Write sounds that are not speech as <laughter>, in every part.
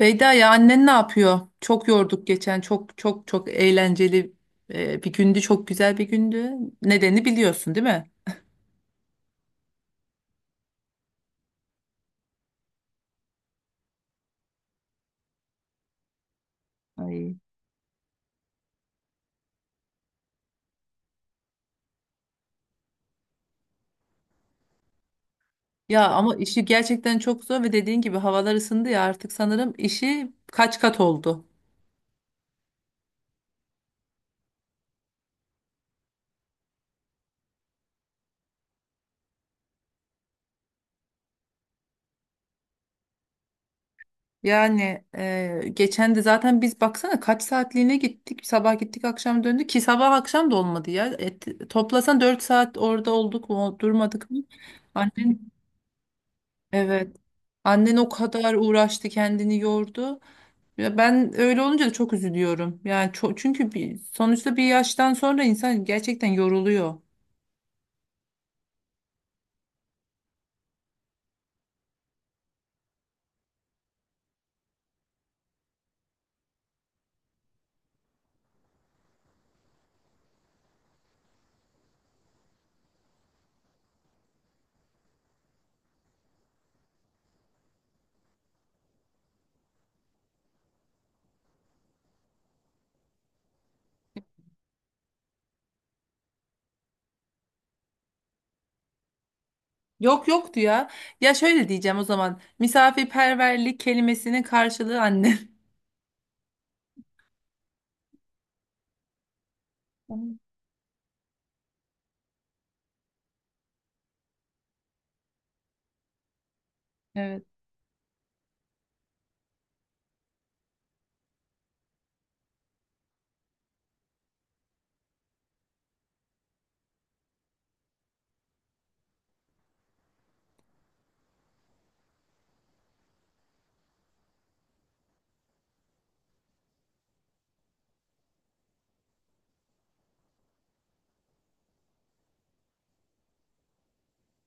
Beyda, ya annen ne yapıyor? Çok yorduk geçen. Çok çok çok eğlenceli bir gündü. Çok güzel bir gündü. Nedeni biliyorsun değil mi? Ay. Ya ama işi gerçekten çok zor ve dediğin gibi havalar ısındı ya, artık sanırım işi kaç kat oldu. Yani geçen de zaten biz baksana kaç saatliğine gittik. Sabah gittik akşam döndük, ki sabah akşam da olmadı ya. Toplasan 4 saat orada olduk mu, durmadık mı? Annen evet. Annen o kadar uğraştı, kendini yordu. Ya ben öyle olunca da çok üzülüyorum. Yani çünkü bir, sonuçta bir yaştan sonra insan gerçekten yoruluyor. Yok, yoktu ya. Ya şöyle diyeceğim o zaman. Misafirperverlik kelimesinin karşılığı annem. <laughs> Annem. Evet,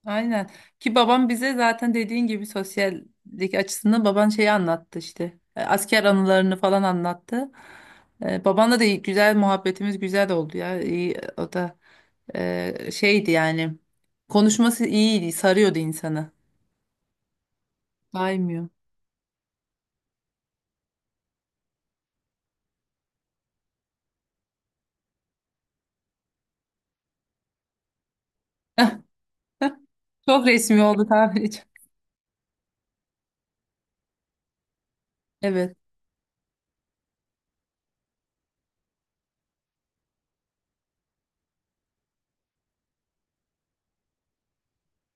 aynen. Ki babam bize zaten dediğin gibi sosyallik açısından baban şeyi anlattı işte. Asker anılarını falan anlattı. Babanla da güzel muhabbetimiz güzel oldu ya. İyi, o da şeydi yani. Konuşması iyiydi, sarıyordu insanı. Saymıyor. <laughs> Çok resmi oldu tabirci. Evet.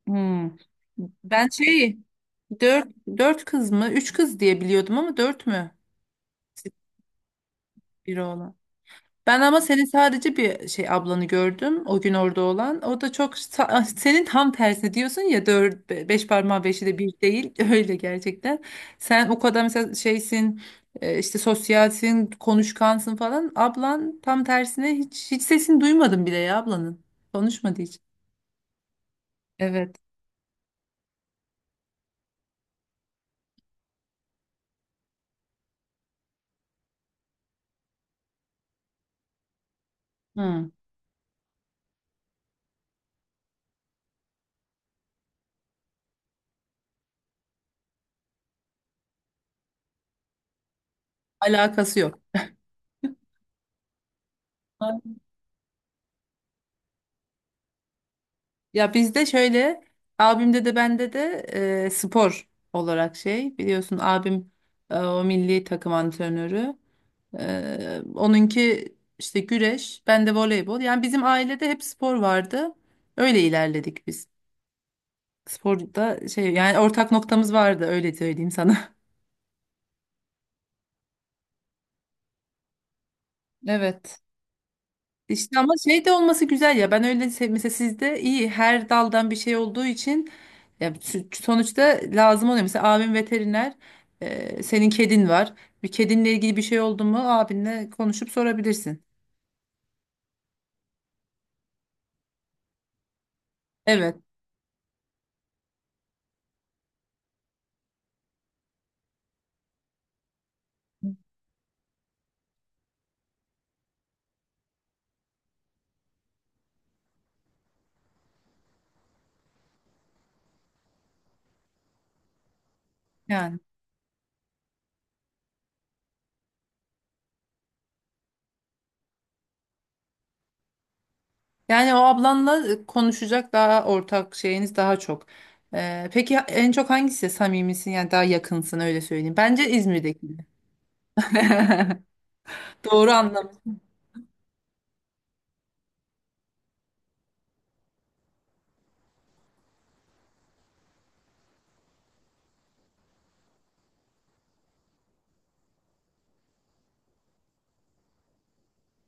Hmm. Ben şey, dört, dört kız mı? Üç kız diye biliyordum ama dört mü? Bir oğlan. Ben ama senin sadece bir şey ablanı gördüm. O gün orada olan. O da çok ah, senin tam tersi diyorsun ya, dört, beş parmağı beşi de bir değil. <laughs> Öyle gerçekten. Sen o kadar mesela şeysin, işte sosyalsin, konuşkansın falan. Ablan tam tersine, hiç sesini duymadım bile ya ablanın. Konuşmadı hiç. Evet. Hı. Alakası yok. Ha. Ya bizde şöyle, abimde de bende de spor olarak şey, biliyorsun abim o milli takım antrenörü. Onunki işte güreş, ben de voleybol. Yani bizim ailede hep spor vardı. Öyle ilerledik biz. Sporda şey, yani ortak noktamız vardı, öyle söyleyeyim sana. <laughs> Evet. İşte ama şey de olması güzel ya, ben öyle mesela sizde iyi, her daldan bir şey olduğu için. Ya sonuçta lazım oluyor. Mesela abim veteriner, senin kedin var. Bir kedinle ilgili bir şey oldu mu, abinle konuşup sorabilirsin. Evet yani. Yani o ablanla konuşacak daha ortak şeyiniz daha çok. Peki en çok hangisi samimisin, yani daha yakınsın öyle söyleyeyim. Bence İzmir'deki. <laughs> Doğru anladım.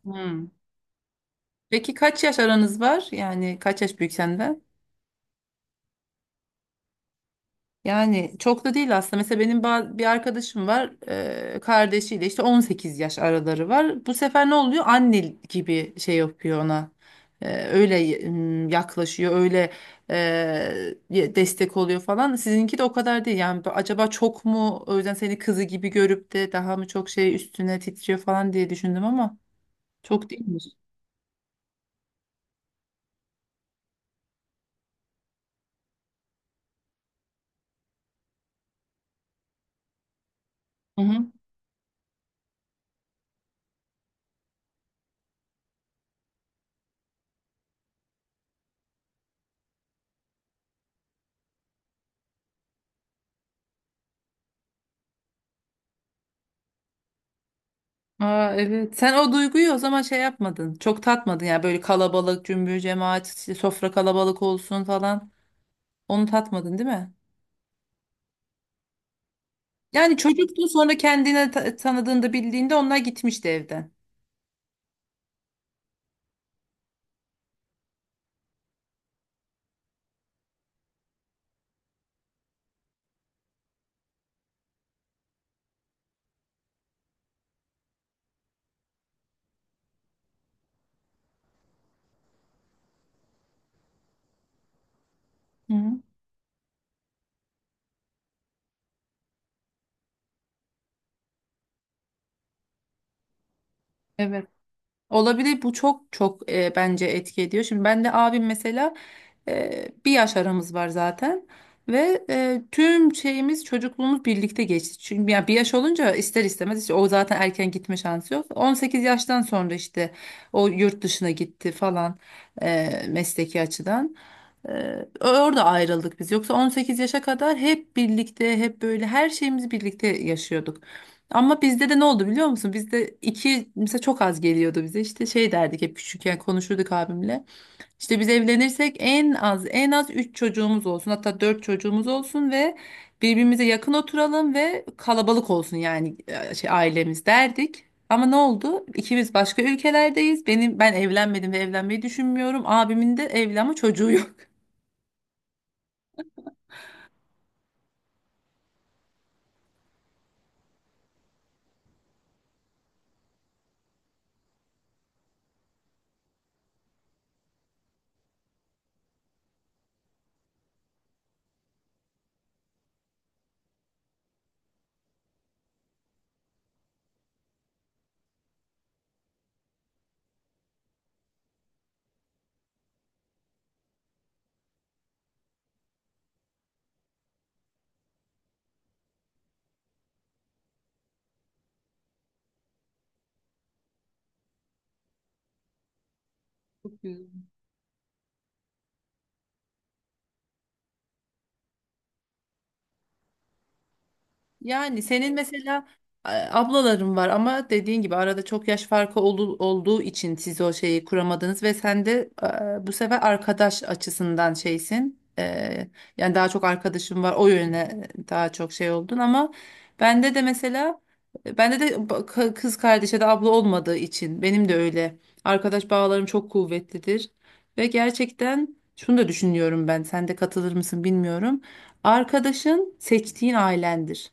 Hmm. Peki kaç yaş aranız var? Yani kaç yaş büyük senden? Yani çok da değil aslında. Mesela benim bir arkadaşım var. Kardeşiyle işte 18 yaş araları var. Bu sefer ne oluyor? Anne gibi şey yapıyor ona. Öyle yaklaşıyor. Öyle destek oluyor falan. Sizinki de o kadar değil. Yani acaba çok mu o yüzden seni kızı gibi görüp de daha mı çok şey üstüne titriyor falan diye düşündüm ama çok değilmiş. Aa, evet. Sen o duyguyu o zaman şey yapmadın. Çok tatmadın yani, böyle kalabalık, cümbür cemaat, işte sofra kalabalık olsun falan. Onu tatmadın değil mi? Yani çocuktun, sonra kendine tanıdığında, bildiğinde onlar gitmişti evden. Hı. Evet. Olabilir bu, çok çok bence etki ediyor. Şimdi ben de abim mesela bir yaş aramız var zaten ve tüm şeyimiz, çocukluğumuz birlikte geçti. Çünkü ya bir yaş olunca ister istemez işte, o zaten erken gitme şansı yok. 18 yaştan sonra işte o yurt dışına gitti falan mesleki açıdan. Orada ayrıldık biz. Yoksa 18 yaşa kadar hep birlikte, hep böyle her şeyimizi birlikte yaşıyorduk. Ama bizde de ne oldu biliyor musun? Bizde iki mesela çok az geliyordu bize. İşte şey derdik hep, küçükken konuşurduk abimle. İşte biz evlenirsek en az, en az 3 çocuğumuz olsun. Hatta 4 çocuğumuz olsun ve birbirimize yakın oturalım ve kalabalık olsun, yani şey ailemiz derdik. Ama ne oldu? İkimiz başka ülkelerdeyiz. Ben evlenmedim ve evlenmeyi düşünmüyorum. Abimin de evli ama çocuğu yok. <laughs> Yani senin mesela ablaların var ama dediğin gibi arada çok yaş farkı olduğu için siz o şeyi kuramadınız ve sen de bu sefer arkadaş açısından şeysin. Yani daha çok arkadaşım var, o yöne daha çok şey oldun ama bende de mesela bende de kız kardeşe de abla olmadığı için benim de öyle arkadaş bağlarım çok kuvvetlidir ve gerçekten şunu da düşünüyorum, ben, sen de katılır mısın bilmiyorum. Arkadaşın seçtiğin ailendir.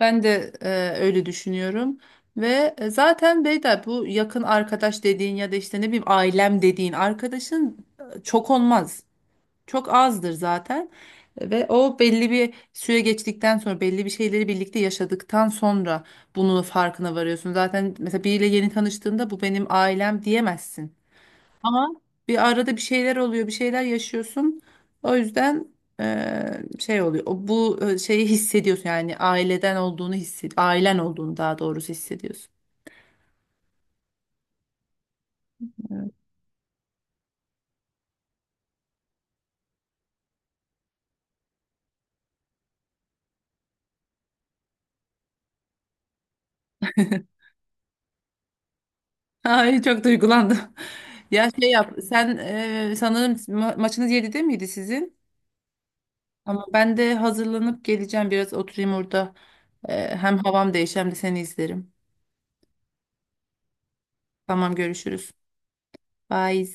Ben de öyle düşünüyorum ve zaten Beyda bu yakın arkadaş dediğin ya da işte ne bileyim ailem dediğin arkadaşın çok olmaz. Çok azdır zaten ve o, belli bir süre geçtikten sonra, belli bir şeyleri birlikte yaşadıktan sonra bunun farkına varıyorsun. Zaten mesela biriyle yeni tanıştığında, bu benim ailem diyemezsin. Ama bir arada bir şeyler oluyor, bir şeyler yaşıyorsun. O yüzden şey oluyor. O, bu şeyi hissediyorsun yani aileden olduğunu ailen olduğunu daha doğrusu hissediyorsun. Evet. <laughs> Ay, çok duygulandım. Ya şey yap, sen sanırım maçınız 7'de miydi sizin? Ama ben de hazırlanıp geleceğim, biraz oturayım orada. Hem havam değişir hem de seni izlerim. Tamam, görüşürüz. Bye.